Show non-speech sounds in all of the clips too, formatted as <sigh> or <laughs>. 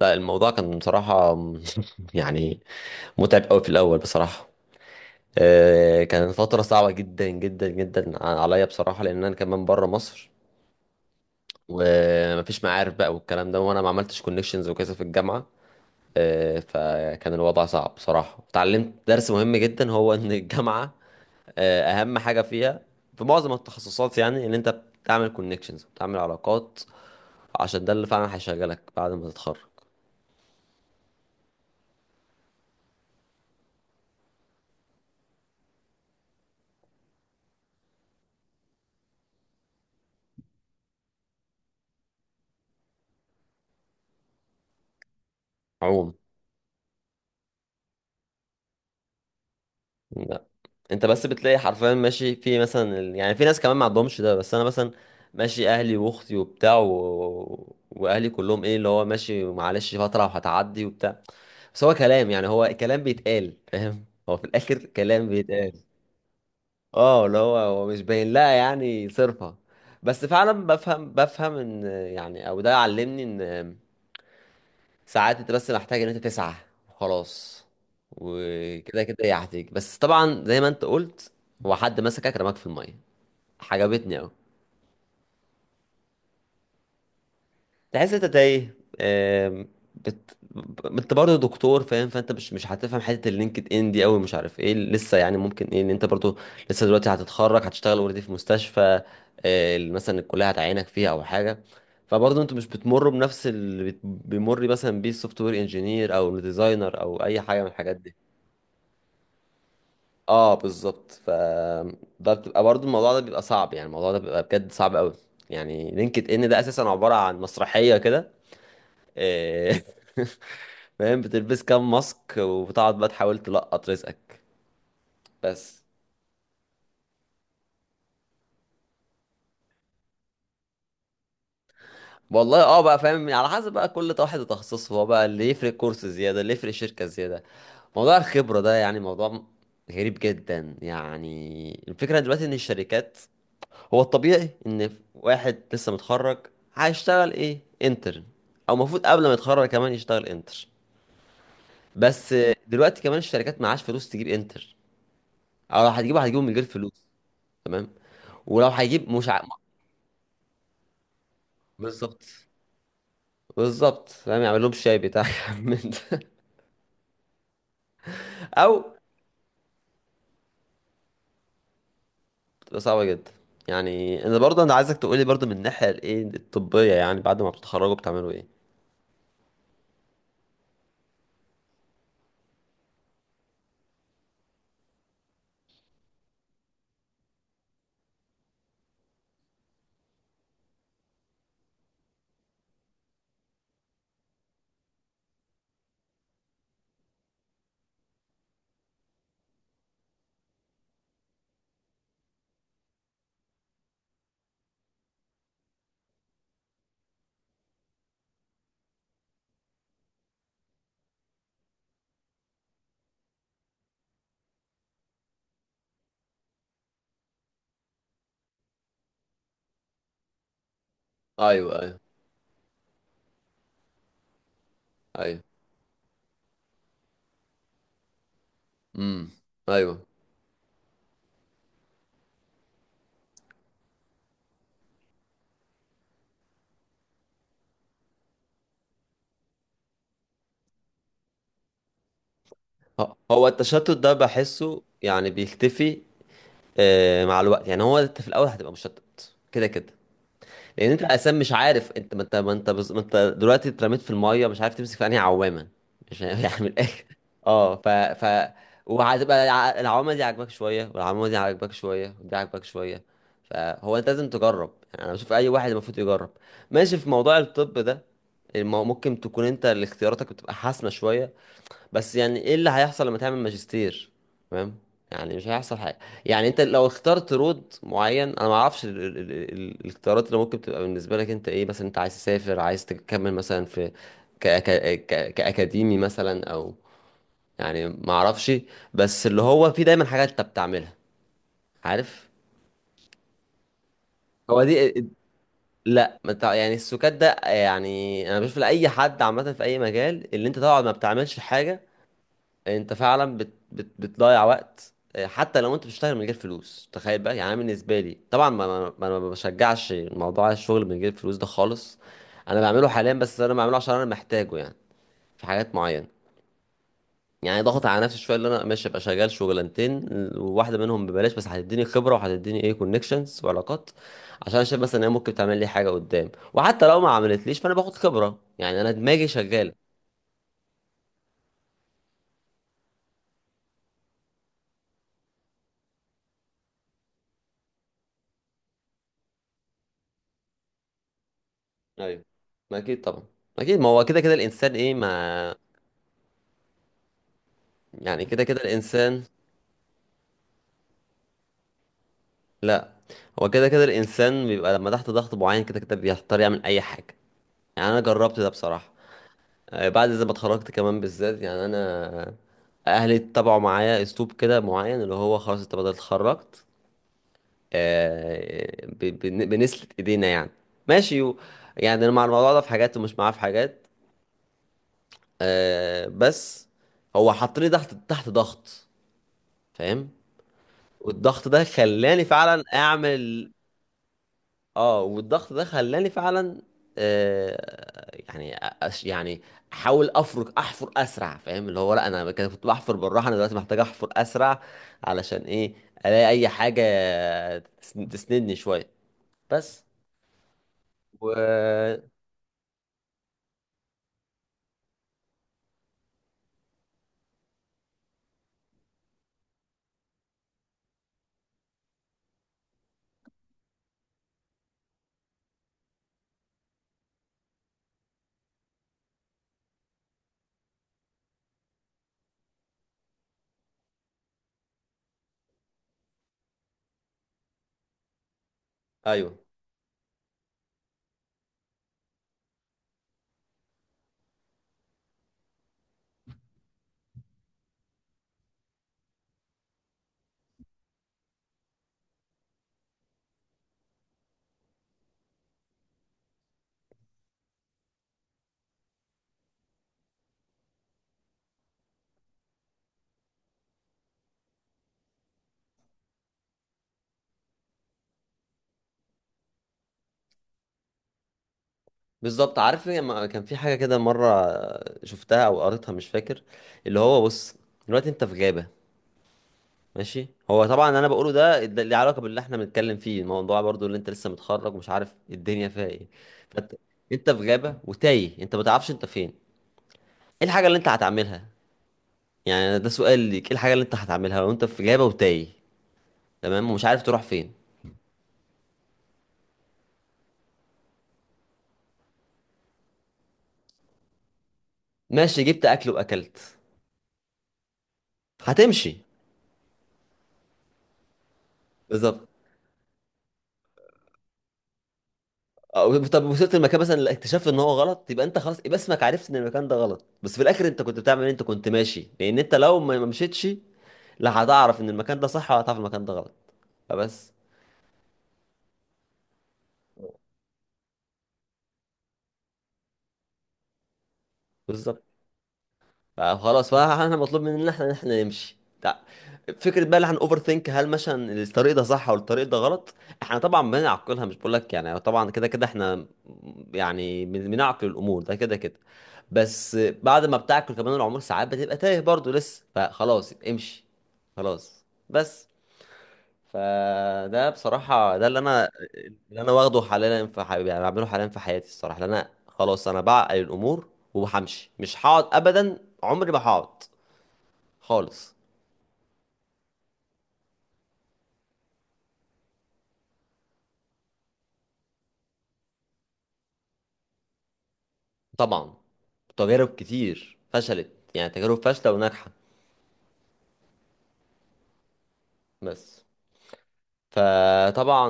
لا، الموضوع كان بصراحة <laughs> يعني متعب قوي في الأول بصراحة. كانت فترة صعبة جدا جدا جدا عليا بصراحة، لأن أنا كمان بره مصر ومفيش معارف بقى والكلام ده، وأنا ما عملتش كونكشنز وكذا في الجامعة. فكان الوضع صعب بصراحة. اتعلمت درس مهم جدا، هو إن الجامعة أهم حاجة فيها في معظم التخصصات، إن أنت بتعمل كونكشنز، بتعمل علاقات، عشان ده اللي فعلا هيشغلك بعد ما تتخرج. عموما انت بس بتلاقي حرفيا ماشي في مثلا يعني في ناس كمان ما عندهمش ده، بس انا مثلا ماشي، اهلي واختي وبتاع واهلي كلهم ايه اللي هو ماشي، معلش فتره وهتعدي وبتاع. بس هو كلام، يعني هو كلام بيتقال، فاهم، هو في الاخر كلام بيتقال. اه، اللي هو مش باين لها يعني صرفه. بس فعلا بفهم ان يعني، او ده علمني ان ساعات انت بس محتاج ان انت تسعى وخلاص، وكده كده هي هتيجي. بس طبعا زي ما انت قلت، هو حد مسكك رماك في الميه. عجبتني قوي. تحس انت تايه. آم، انت برضه دكتور فاهم، فانت مش هتفهم حته اللينكد ان دي قوي، مش عارف ايه لسه. يعني ممكن ايه ان انت برضه لسه دلوقتي هتتخرج هتشتغل اوريدي في مستشفى. مثلا الكليه هتعينك فيها او حاجه. فبرضه انتوا مش بتمروا بنفس اللي بيمر مثلا بيه السوفت وير انجينير او الديزاينر او اي حاجه من الحاجات دي. اه بالظبط. ده بتبقى برضو، الموضوع ده بيبقى صعب، يعني الموضوع ده بيبقى بجد صعب قوي. يعني لينكد ان ده اساسا عبارة عن مسرحية كده. إيه، <laughs> فاهم، بتلبس كام ماسك وبتقعد بقى تحاول تلقط رزقك. بس. والله اه بقى فاهم، يعني على حسب بقى كل واحد وتخصصه، هو بقى اللي يفرق كورس زيادة، اللي يفرق شركة زيادة. موضوع الخبرة ده يعني موضوع غريب جدا. يعني الفكرة دلوقتي ان الشركات، هو الطبيعي ان واحد لسه متخرج هيشتغل ايه، انترن، او المفروض قبل ما يتخرج كمان يشتغل انتر. بس دلوقتي كمان الشركات معاش فلوس تجيب انتر، او لو هتجيبه هتجيبه من غير فلوس. تمام. ولو هيجيب مش ع... بالظبط. بالظبط، فاهم، يعمل لهم شاي بتاع <laughs> من ده. او بتبقى صعبه جدا. يعني انا برضه انا عايزك تقولي برضه من الناحيه الايه الطبيه، يعني بعد ما بتتخرجوا بتعملوا ايه. ايوه، ايوه، ايوه. امم. ايوه. هو التشتت ده بحسه يعني بيختفي مع الوقت؟ يعني هو انت في الاول هتبقى مشتت كده كده، لان انت اساسا مش عارف انت، ما انت دلوقتي اترميت في الميه، مش عارف تمسك في انهي عوامه. مش عارف <laughs> يعني من الاخر. اه ف وهتبقى العوامه دي عاجباك شويه، والعوامه دي عاجباك شويه، ودي عاجباك شويه. فهو انت لازم تجرب. يعني انا بشوف اي واحد المفروض يجرب ماشي في موضوع الطب ده. ممكن تكون انت اللي اختياراتك بتبقى حاسمه شويه. بس يعني ايه اللي هيحصل لما تعمل ماجستير؟ تمام، يعني مش هيحصل حاجه. يعني انت لو اخترت رود معين، انا ما اعرفش الاختيارات اللي ممكن تبقى بالنسبه لك انت ايه. مثلا انت عايز تسافر، عايز تكمل مثلا في ك... ك... كاكاديمي مثلا او، يعني ما اعرفش. بس اللي هو في دايما حاجات انت بتعملها، عارف. هو دي، لا، ما تع- يعني السكات ده، يعني انا بشوف لاي حد عامه في اي مجال، اللي انت طبعا ما بتعملش حاجه، انت فعلا بت بت بتضيع وقت. حتى لو انت بتشتغل من غير فلوس تخيل بقى. يعني انا بالنسبه لي طبعا ما بشجعش موضوع الشغل من غير فلوس ده خالص. انا بعمله حاليا، بس انا بعمله عشان انا محتاجه، يعني في حاجات معينه، يعني ضغط على نفسي شويه اللي انا ماشي ابقى شغال شغلانتين، وواحده منهم ببلاش، بس هتديني خبره وهتديني ايه كونكشنز وعلاقات، عشان أنا شايف مثلا ان هي ممكن تعمل لي حاجه قدام، وحتى لو ما عملتليش فانا باخد خبره، يعني انا دماغي شغاله. ايوه. ما اكيد طبعا، اكيد. ما هو كده كده الانسان ايه ما، يعني كده كده الانسان. لا، هو كده كده الانسان بيبقى لما تحت ضغط معين كده كده بيضطر يعمل اي حاجه. يعني انا جربت ده بصراحه. بعد زي ما اتخرجت كمان بالذات، يعني انا اهلي اتبعوا معايا اسلوب كده معين اللي هو خلاص انت بدل اتخرجت. بنسلة ايدينا يعني، ماشي يعني انا مع الموضوع ده في حاجات ومش معاه في حاجات. بس هو حطني تحت ضغط فاهم، والضغط ده خلاني فعلا اعمل. اه والضغط ده خلاني فعلا يعني، يعني، احاول افرك، احفر اسرع فاهم. اللي هو لا، انا كده كنت بحفر بالراحه، انا دلوقتي محتاج احفر اسرع، علشان ايه؟ الاقي اي حاجه تسندني شويه. بس و ايوه، بالظبط. عارف إيه؟ كان في حاجه كده مره شفتها او قريتها مش فاكر، اللي هو بص، دلوقتي انت في غابه ماشي. هو طبعا انا بقوله ده اللي علاقه باللي احنا بنتكلم فيه، الموضوع برضو اللي انت لسه متخرج ومش عارف الدنيا فيها ايه. فانت، انت في غابه وتايه، انت ما تعرفش انت فين، ايه الحاجه اللي انت هتعملها؟ يعني ده سؤال ليك، ايه الحاجه اللي انت هتعملها لو انت في غابه وتايه تمام ومش عارف تروح فين؟ ماشي، جبت اكل واكلت، هتمشي. بالظبط. طب وصلت المكان مثلا اللي اكتشفت ان هو غلط، يبقى انت خلاص، يبقى اسمك عرفت ان المكان ده غلط. بس في الاخر انت كنت بتعمل إيه؟ انت كنت ماشي. لان انت لو ما مشيتش، لا هتعرف ان المكان ده صح ولا هتعرف المكان ده غلط. فبس، بالظبط. فخلاص، فاحنا مطلوب مننا احنا ان احنا نمشي فكره بقى اللي احنا اوفر ثينك هل مثلا الطريق ده صح ولا الطريق ده غلط. احنا طبعا بنعقلها، مش بقول لك يعني طبعا كده كده احنا يعني بنعقل الامور ده كده كده. بس بعد ما بتعقل كمان العمر، ساعات بتبقى تايه برضو لسه، فخلاص امشي. خلاص بس. فده بصراحة ده اللي انا واخده حاليا في حبيبي، يعني بعمله حاليا في حياتي الصراحة، لأن انا خلاص انا بعقل الامور وبهمشي، مش هقعد ابدا، عمري ما هقعد خالص. طبعا تجارب كتير فشلت، يعني تجارب فاشلة وناجحة. بس فطبعا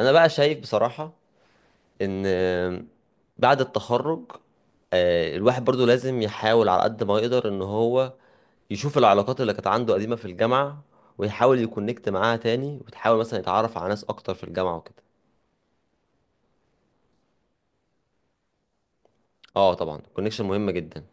انا بقى شايف بصراحة ان بعد التخرج، الواحد برضو لازم يحاول على قد ما يقدر ان هو يشوف العلاقات اللي كانت عنده قديمة في الجامعة، ويحاول يكونكت معاها تاني، وتحاول مثلا يتعرف على ناس اكتر في الجامعة وكده. اه طبعا الكونكشن مهم جدا.